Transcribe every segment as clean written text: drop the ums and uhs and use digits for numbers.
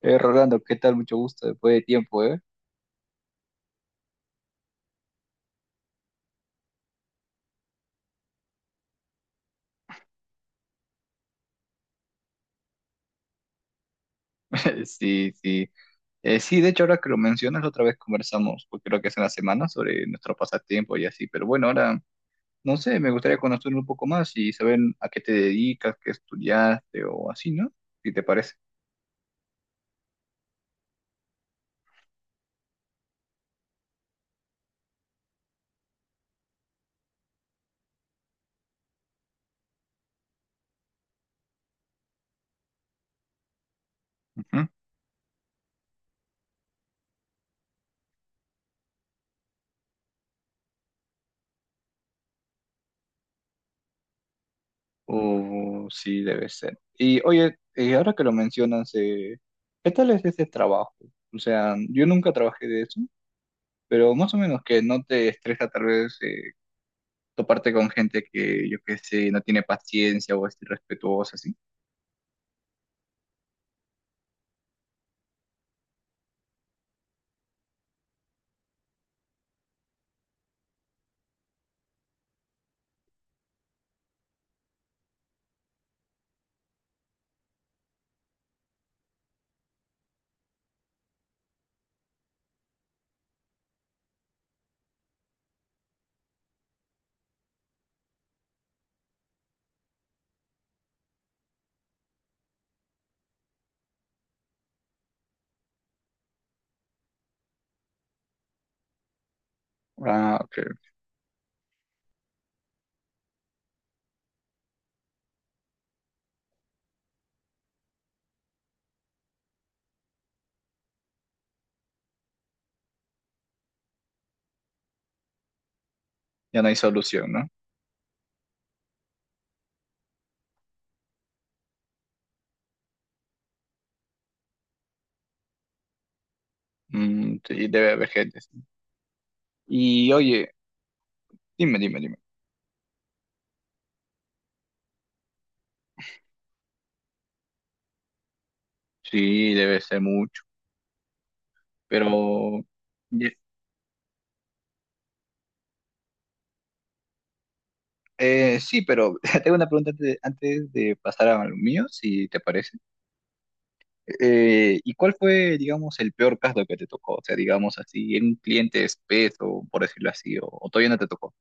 Rolando, ¿qué tal? Mucho gusto, después de tiempo, ¿eh? Sí, sí. Sí, de hecho, ahora que lo mencionas, la otra vez conversamos, pues creo que es en la semana, sobre nuestro pasatiempo y así. Pero bueno, ahora, no sé, me gustaría conocer un poco más y saber a qué te dedicas, qué estudiaste o así, ¿no? Si te parece. Ujú. O sí, debe ser. Y oye, ahora que lo mencionas, ¿qué tal es ese trabajo? O sea, yo nunca trabajé de eso, pero más o menos que no te estresa tal vez toparte con gente que, yo qué sé, no tiene paciencia o es irrespetuosa, así. Ah, ok. Ya no hay solución, ¿no? Mm, sí, debe haber gente así. Y oye, dime, dime, dime. Sí, debe ser mucho, pero... ye- sí, pero tengo una pregunta antes de pasar a lo mío, si te parece. ¿Y cuál fue, digamos, el peor caso que te tocó? O sea, digamos así, en un cliente espeso, por decirlo así, o todavía no te tocó.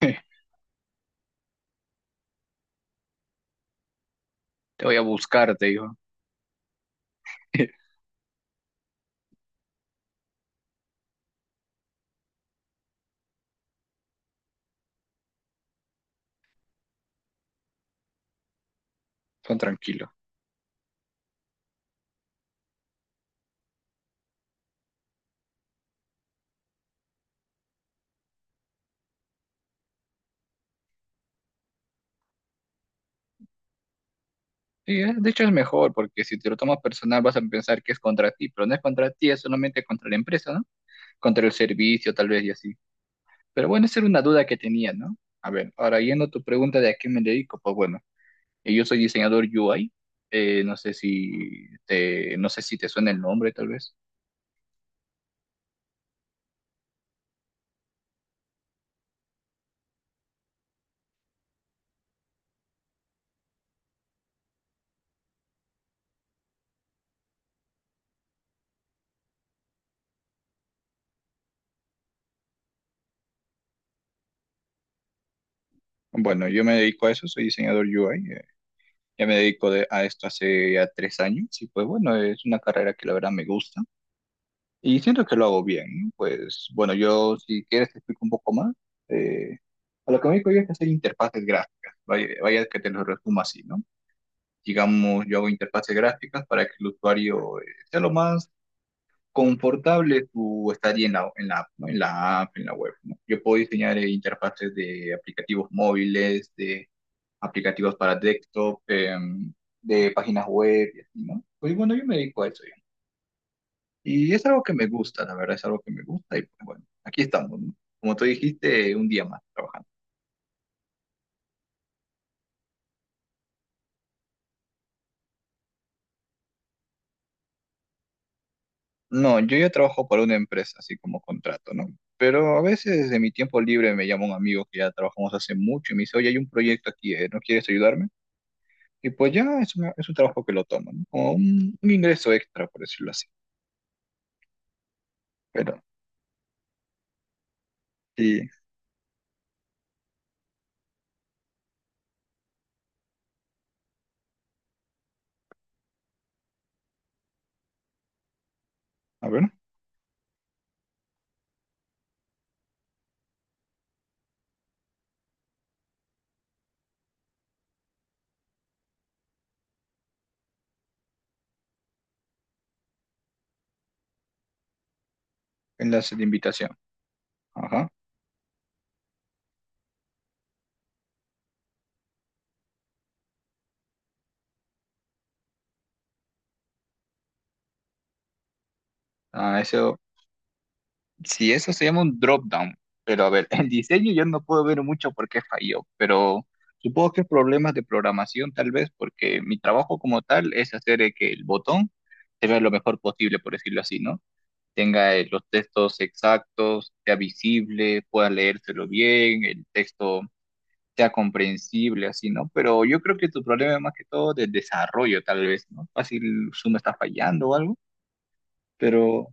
Te voy a buscar, te digo. Son tranquilos. Sí, de hecho es mejor, porque si te lo tomas personal vas a pensar que es contra ti, pero no es contra ti, es solamente contra la empresa, ¿no? Contra el servicio, tal vez, y así. Pero bueno, esa era una duda que tenía, ¿no? A ver, ahora yendo a tu pregunta de a qué me dedico, pues bueno, yo soy diseñador UI, no sé si te suena el nombre, tal vez. Bueno, yo me dedico a eso, soy diseñador UI, a esto hace ya 3 años, y pues bueno, es una carrera que la verdad me gusta. Y siento que lo hago bien. Pues bueno, yo si quieres te explico un poco más. Eh, a lo que me dedico yo es hacer interfaces gráficas. Vaya que te lo resumo así, ¿no? Digamos, yo hago interfaces gráficas para que el usuario sea lo más confortable su estadía en en la app, ¿no? En la app, en la web, ¿no? Yo puedo diseñar interfaces de aplicativos móviles, de aplicativos para desktop, de páginas web y así, ¿no? Pues bueno, yo me dedico a eso. Y es algo que me gusta, la verdad, es algo que me gusta y pues bueno, aquí estamos, ¿no? Como tú dijiste, un día más trabajando. No, yo ya trabajo para una empresa, así como contrato, ¿no? Pero a veces de mi tiempo libre me llama un amigo que ya trabajamos hace mucho y me dice, oye, hay un proyecto aquí, ¿eh? ¿No quieres ayudarme? Y pues ya es, es un trabajo que lo tomo, ¿no? Como un ingreso extra, por decirlo así. Pero, sí, a ver, enlace de invitación. Ajá. Ah, ese sí, eso se llama un drop down. Pero a ver, el diseño yo no puedo ver mucho por qué falló, pero supongo que es problemas de programación tal vez, porque mi trabajo como tal es hacer que el botón se vea lo mejor posible, por decirlo así, ¿no? Tenga los textos exactos, sea visible, pueda leérselo bien, el texto sea comprensible, así, ¿no? Pero yo creo que tu problema es más que todo de desarrollo, tal vez, ¿no? Fácil Zoom está fallando o algo, pero...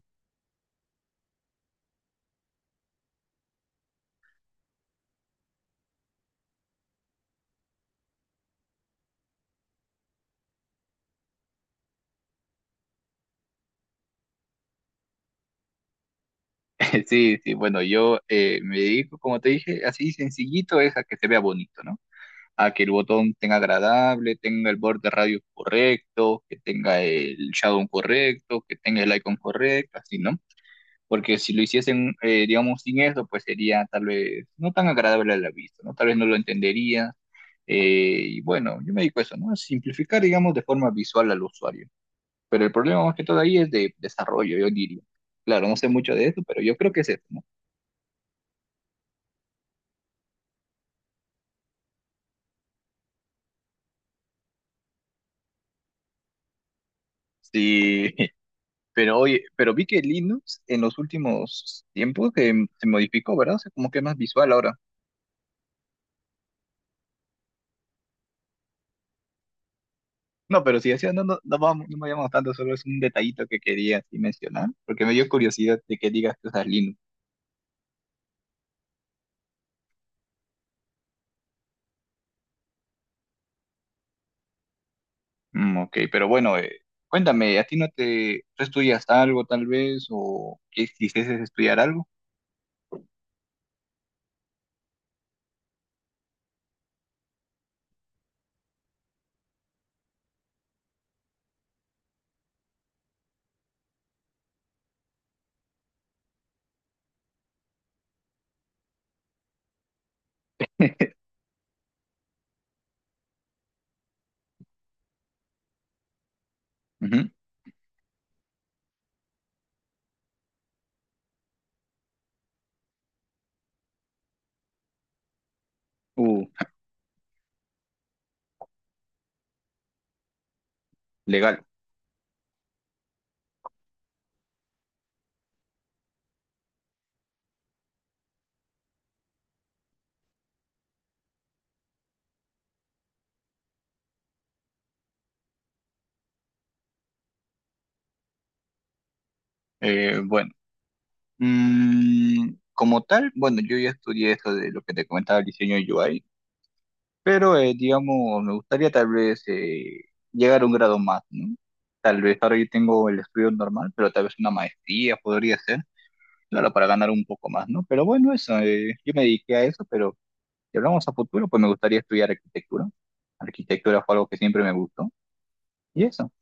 Sí, sí, bueno, yo me dedico, como te dije, así sencillito es a que se vea bonito, ¿no? A que el botón tenga agradable, tenga el borde radio correcto, que tenga el shadow correcto, que tenga el icon correcto, así, ¿no? Porque si lo hiciesen, digamos, sin eso, pues sería tal vez no tan agradable a la vista, ¿no? Tal vez no lo entendería. Y bueno, yo me dedico a eso, ¿no? A simplificar, digamos, de forma visual al usuario. Pero el problema más que todo ahí es de desarrollo, yo diría. Claro, no sé mucho de eso, pero yo creo que es eso, ¿no? Sí, pero oye, pero vi que Linux en los últimos tiempos que se modificó, ¿verdad? O sea, como que es más visual ahora. No, pero si así no, no, no, vamos, no me llamo tanto, solo es un detallito que quería así mencionar, porque me dio curiosidad de que digas que usas Linux. Mm, ok, pero bueno, cuéntame, ¿a ti no te, ¿tú estudias algo tal vez o quisieses estudiar algo? Ujú. Uh, legal. Bueno, mm, como tal, bueno, yo ya estudié esto de lo que te comentaba, el diseño UI. Pero, digamos, me gustaría tal vez llegar a un grado más, ¿no? Tal vez ahora yo tengo el estudio normal, pero tal vez una maestría podría ser, claro, para ganar un poco más, ¿no? Pero bueno, eso, yo me dediqué a eso, pero si hablamos a futuro, pues me gustaría estudiar arquitectura. Arquitectura fue algo que siempre me gustó, y eso.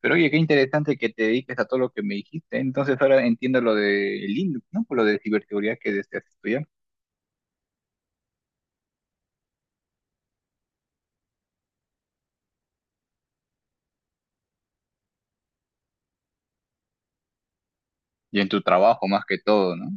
Pero oye, qué interesante que te dediques a todo lo que me dijiste. Entonces ahora entiendo lo de Linux, ¿no? Por lo de ciberseguridad que deseas estudiar. Y en tu trabajo más que todo, ¿no?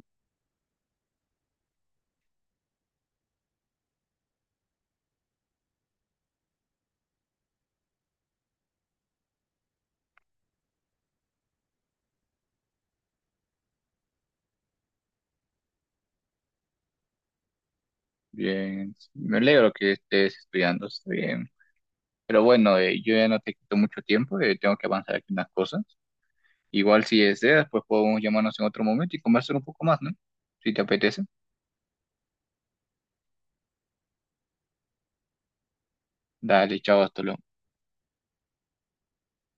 Bien, me alegro que estés estudiando, está bien. Pero bueno, yo ya no te quito mucho tiempo, tengo que avanzar aquí unas cosas. Igual si deseas, pues podemos llamarnos en otro momento y conversar un poco más, ¿no? Si te apetece. Dale, chao, hasta luego.